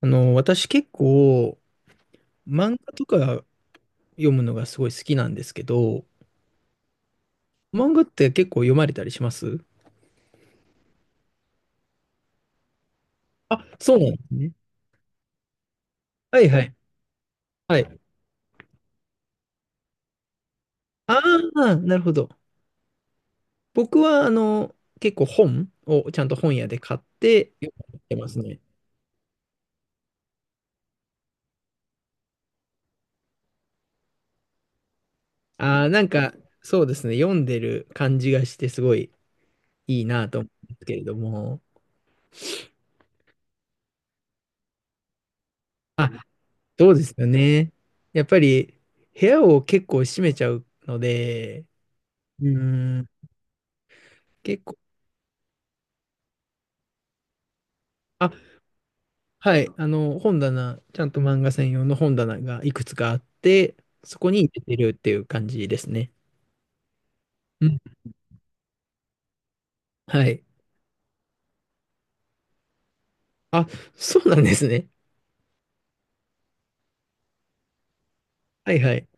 あの、私結構漫画とか読むのがすごい好きなんですけど、漫画って結構読まれたりします？あ、そうなんですね。はいはい。はい。ああ、なるほど。僕は結構本をちゃんと本屋で買って読んでますね。ああ、なんかそうですね。読んでる感じがしてすごいいいなと思うんですけれども。あ、そうですよね。やっぱり部屋を結構閉めちゃうので、うーん、結構。あ、はい、本棚、ちゃんと漫画専用の本棚がいくつかあって、そこに入れてるっていう感じですね。うん。はい。あ、そうなんですね。はいはい。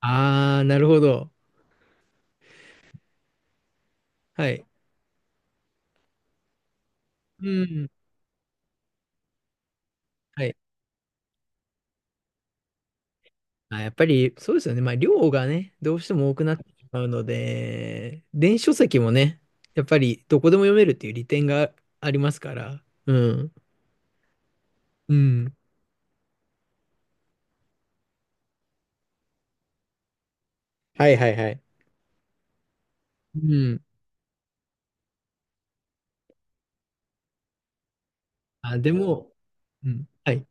ああ、なるほど。はい。うん。はい。まあ、やっぱりそうですよね。まあ、量がね、どうしても多くなってしまうので、電子書籍もね、やっぱりどこでも読めるっていう利点がありますから。うん。うん。はいはいはい。うん。あ、でも、うん。はい。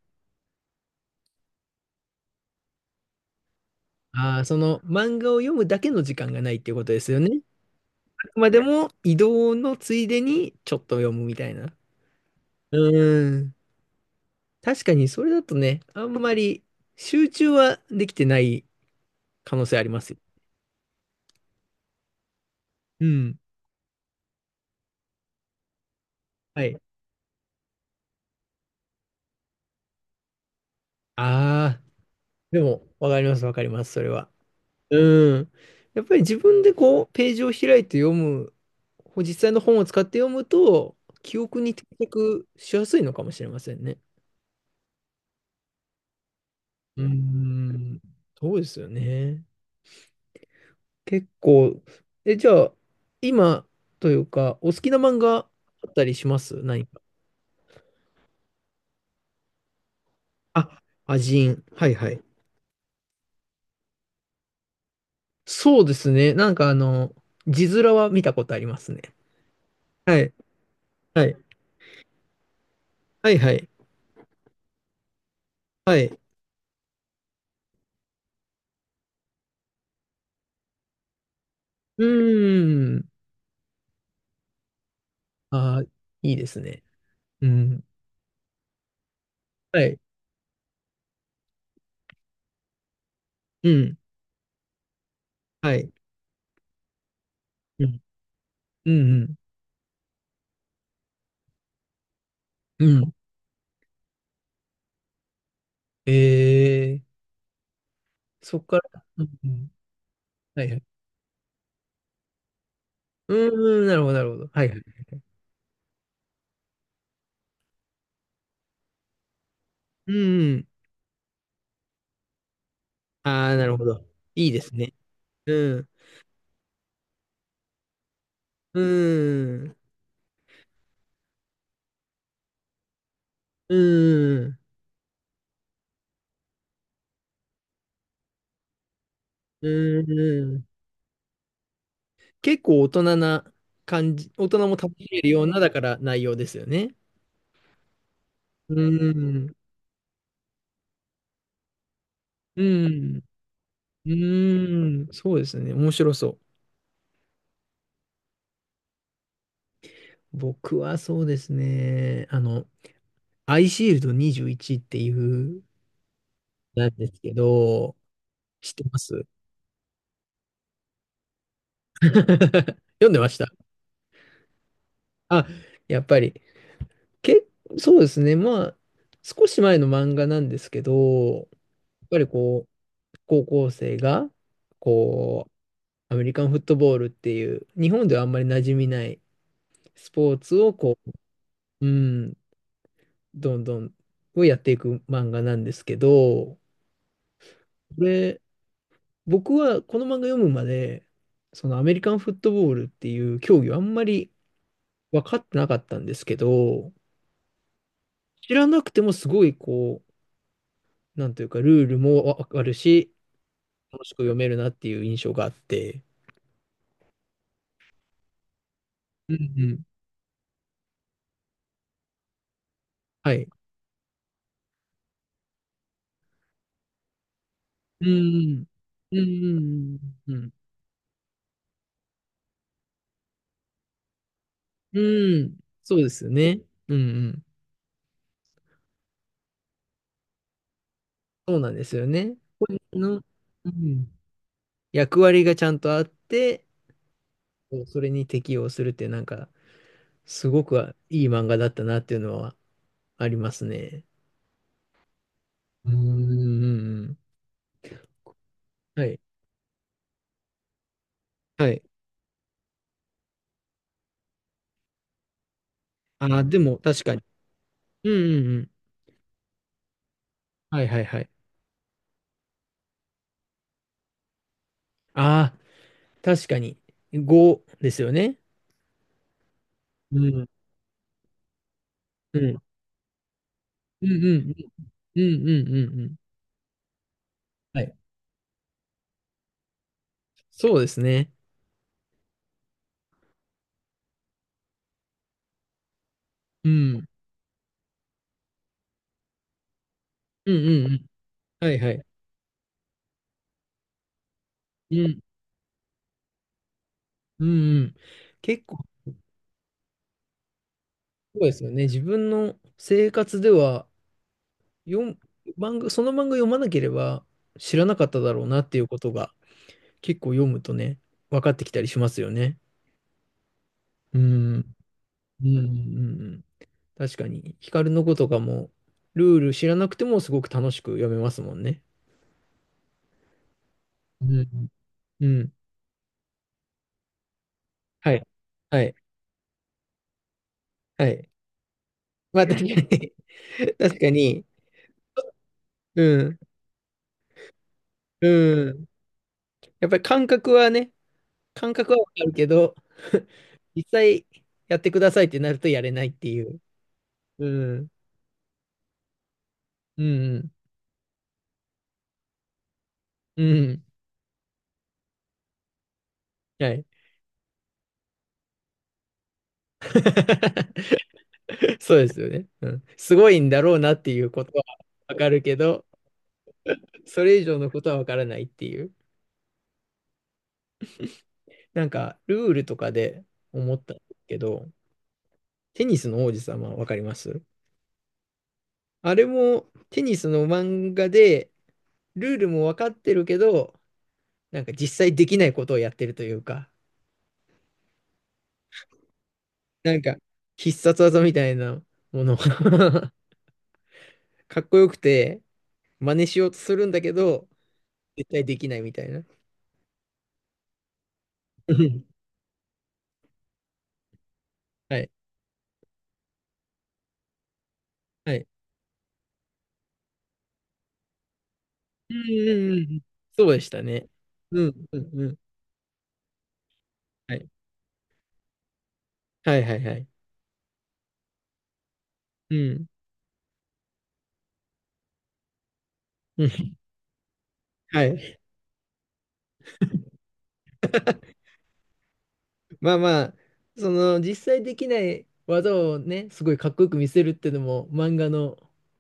ああ、その漫画を読むだけの時間がないっていうことですよね。あくまでも移動のついでにちょっと読むみたいな。うーん。確かにそれだとね、あんまり集中はできてない可能性ありますよ。うん。はい。ああ、でもわかります、わかります、それは。うん。やっぱり自分でこう、ページを開いて読む、こう実際の本を使って読むと、記憶に定着しやすいのかもしれませんね。うーん。そうですよね。結構、え、じゃあ、今というか、お好きな漫画あったりします？何か。あ、アジン。はいはい。そうですね。字面は見たことありますね。はい。はい。はいはい。はい。うーん。あー、いいですね。うん。はい。うん。はい。うん。うん。うん。うん。えー、そっから。うんうん。はいはい。うーん、なるほど、なるほど。はいはい。うん。ああ、なるほど。いいですね。うん。うーん、うーん、うーん。結構大人な感じ、大人も楽しめるような、だから内容ですよね。うーん、うーん、うーん、そうですね。面白そう。僕はそうですね。あの、アイシールド21っていう、なんですけど、知ってます？ 読んでました。あ、やっぱり。け、そうですね。まあ、少し前の漫画なんですけど、やっぱりこ、高校生が、こう、アメリカンフットボールっていう、日本ではあんまり馴染みないスポーツを、こう、うん、どんどん、をやっていく漫画なんですけど、これ、僕はこの漫画読むまで、そのアメリカンフットボールっていう競技はあんまり分かってなかったんですけど、知らなくてもすごいこう、なんというか、ルールも分かるし、楽しく読めるなっていう印象があって、うんうん。はい。うん。うん。うん。うん。うん。そうですよね。うんうん。そうなんですよね。これの、うん、役割がちゃんとあって、こうそれに適応するって、すごくいい漫画だったなっていうのはありますね。うん。うんうん。はい。はい。ああ、でも確かに。うんうんうん。はいはい。あ、でも確かに。うんうんうん。はいはいはい。ああ、確かに。5ですよね。うん。うん。うんうんうんうんうんうんうん。はい。そうですね。うん。うんうんうん。はいはい。うん。うんうん。結構。そうですよね。自分の生活では、読む漫画、その漫画読まなければ知らなかっただろうなっていうことが結構読むとね、分かってきたりしますよね。うん。うんうんうんうん。確かに、ヒカルの子とかも、ルール知らなくてもすごく楽しく読めますもんね。うん。うん。はい。はい。はい。まあ、確かに、確かに、うん。うん。やっぱり感覚はね、感覚はわかるけど、実際やってくださいってなるとやれないっていう。うん。うん。うん。はい。そうですよね。うん。すごいんだろうなっていうことはわかるけど、それ以上のことはわからないっていう。ルールとかで思ったんですけど、テニスの王子様わかります？あれもテニスの漫画で、ルールもわかってるけど、なんか実際できないことをやってるというか、なんか、必殺技みたいなもの かっこよくて、真似しようとするんだけど、絶対できないみたいな。うん。はい。はい。うんうんうんうん。そうでしたね。うんうんうん。はい。はいはいはい。うん。うん はい。まあまあ、その、実際できない技をね、すごいかっこよく見せるっていうのも、漫画の、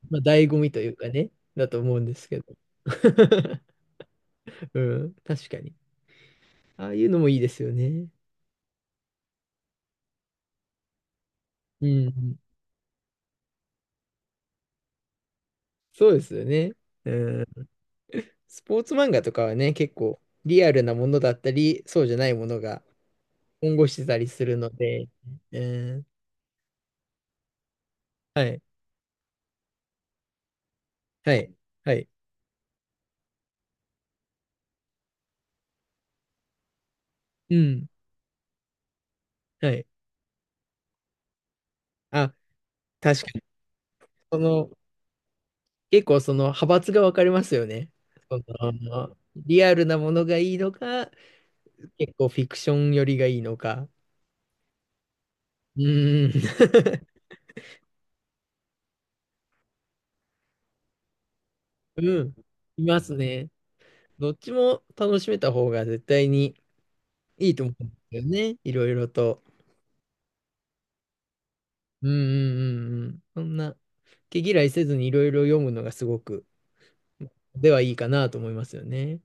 まあ、醍醐味というかね、だと思うんですけど。うん、確かに。ああいうのもいいですよね。うん。そうですよね。うん。スポーツ漫画とかはね、結構リアルなものだったり、そうじゃないものが混合してたりするので、うん。はい。はい。はい。うん。はい。あ、確かに。その、結構その派閥が分かれますよね。その、リアルなものがいいのか、結構フィクション寄りがいいのか。うん。うん。いますね。どっちも楽しめた方が絶対にいいと思うんですよね。いろいろと。うんうんうんうん。そんな、毛嫌いせずにいろいろ読むのがすごく、ではいいかなと思いますよね。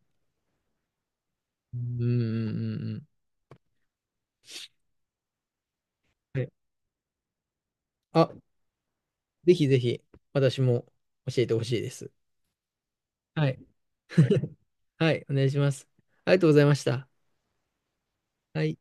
うんうんうんうん。はい。あ、ぜひぜひ、私も教えてほしいです。はい。はい、お願いします。ありがとうございました。はい。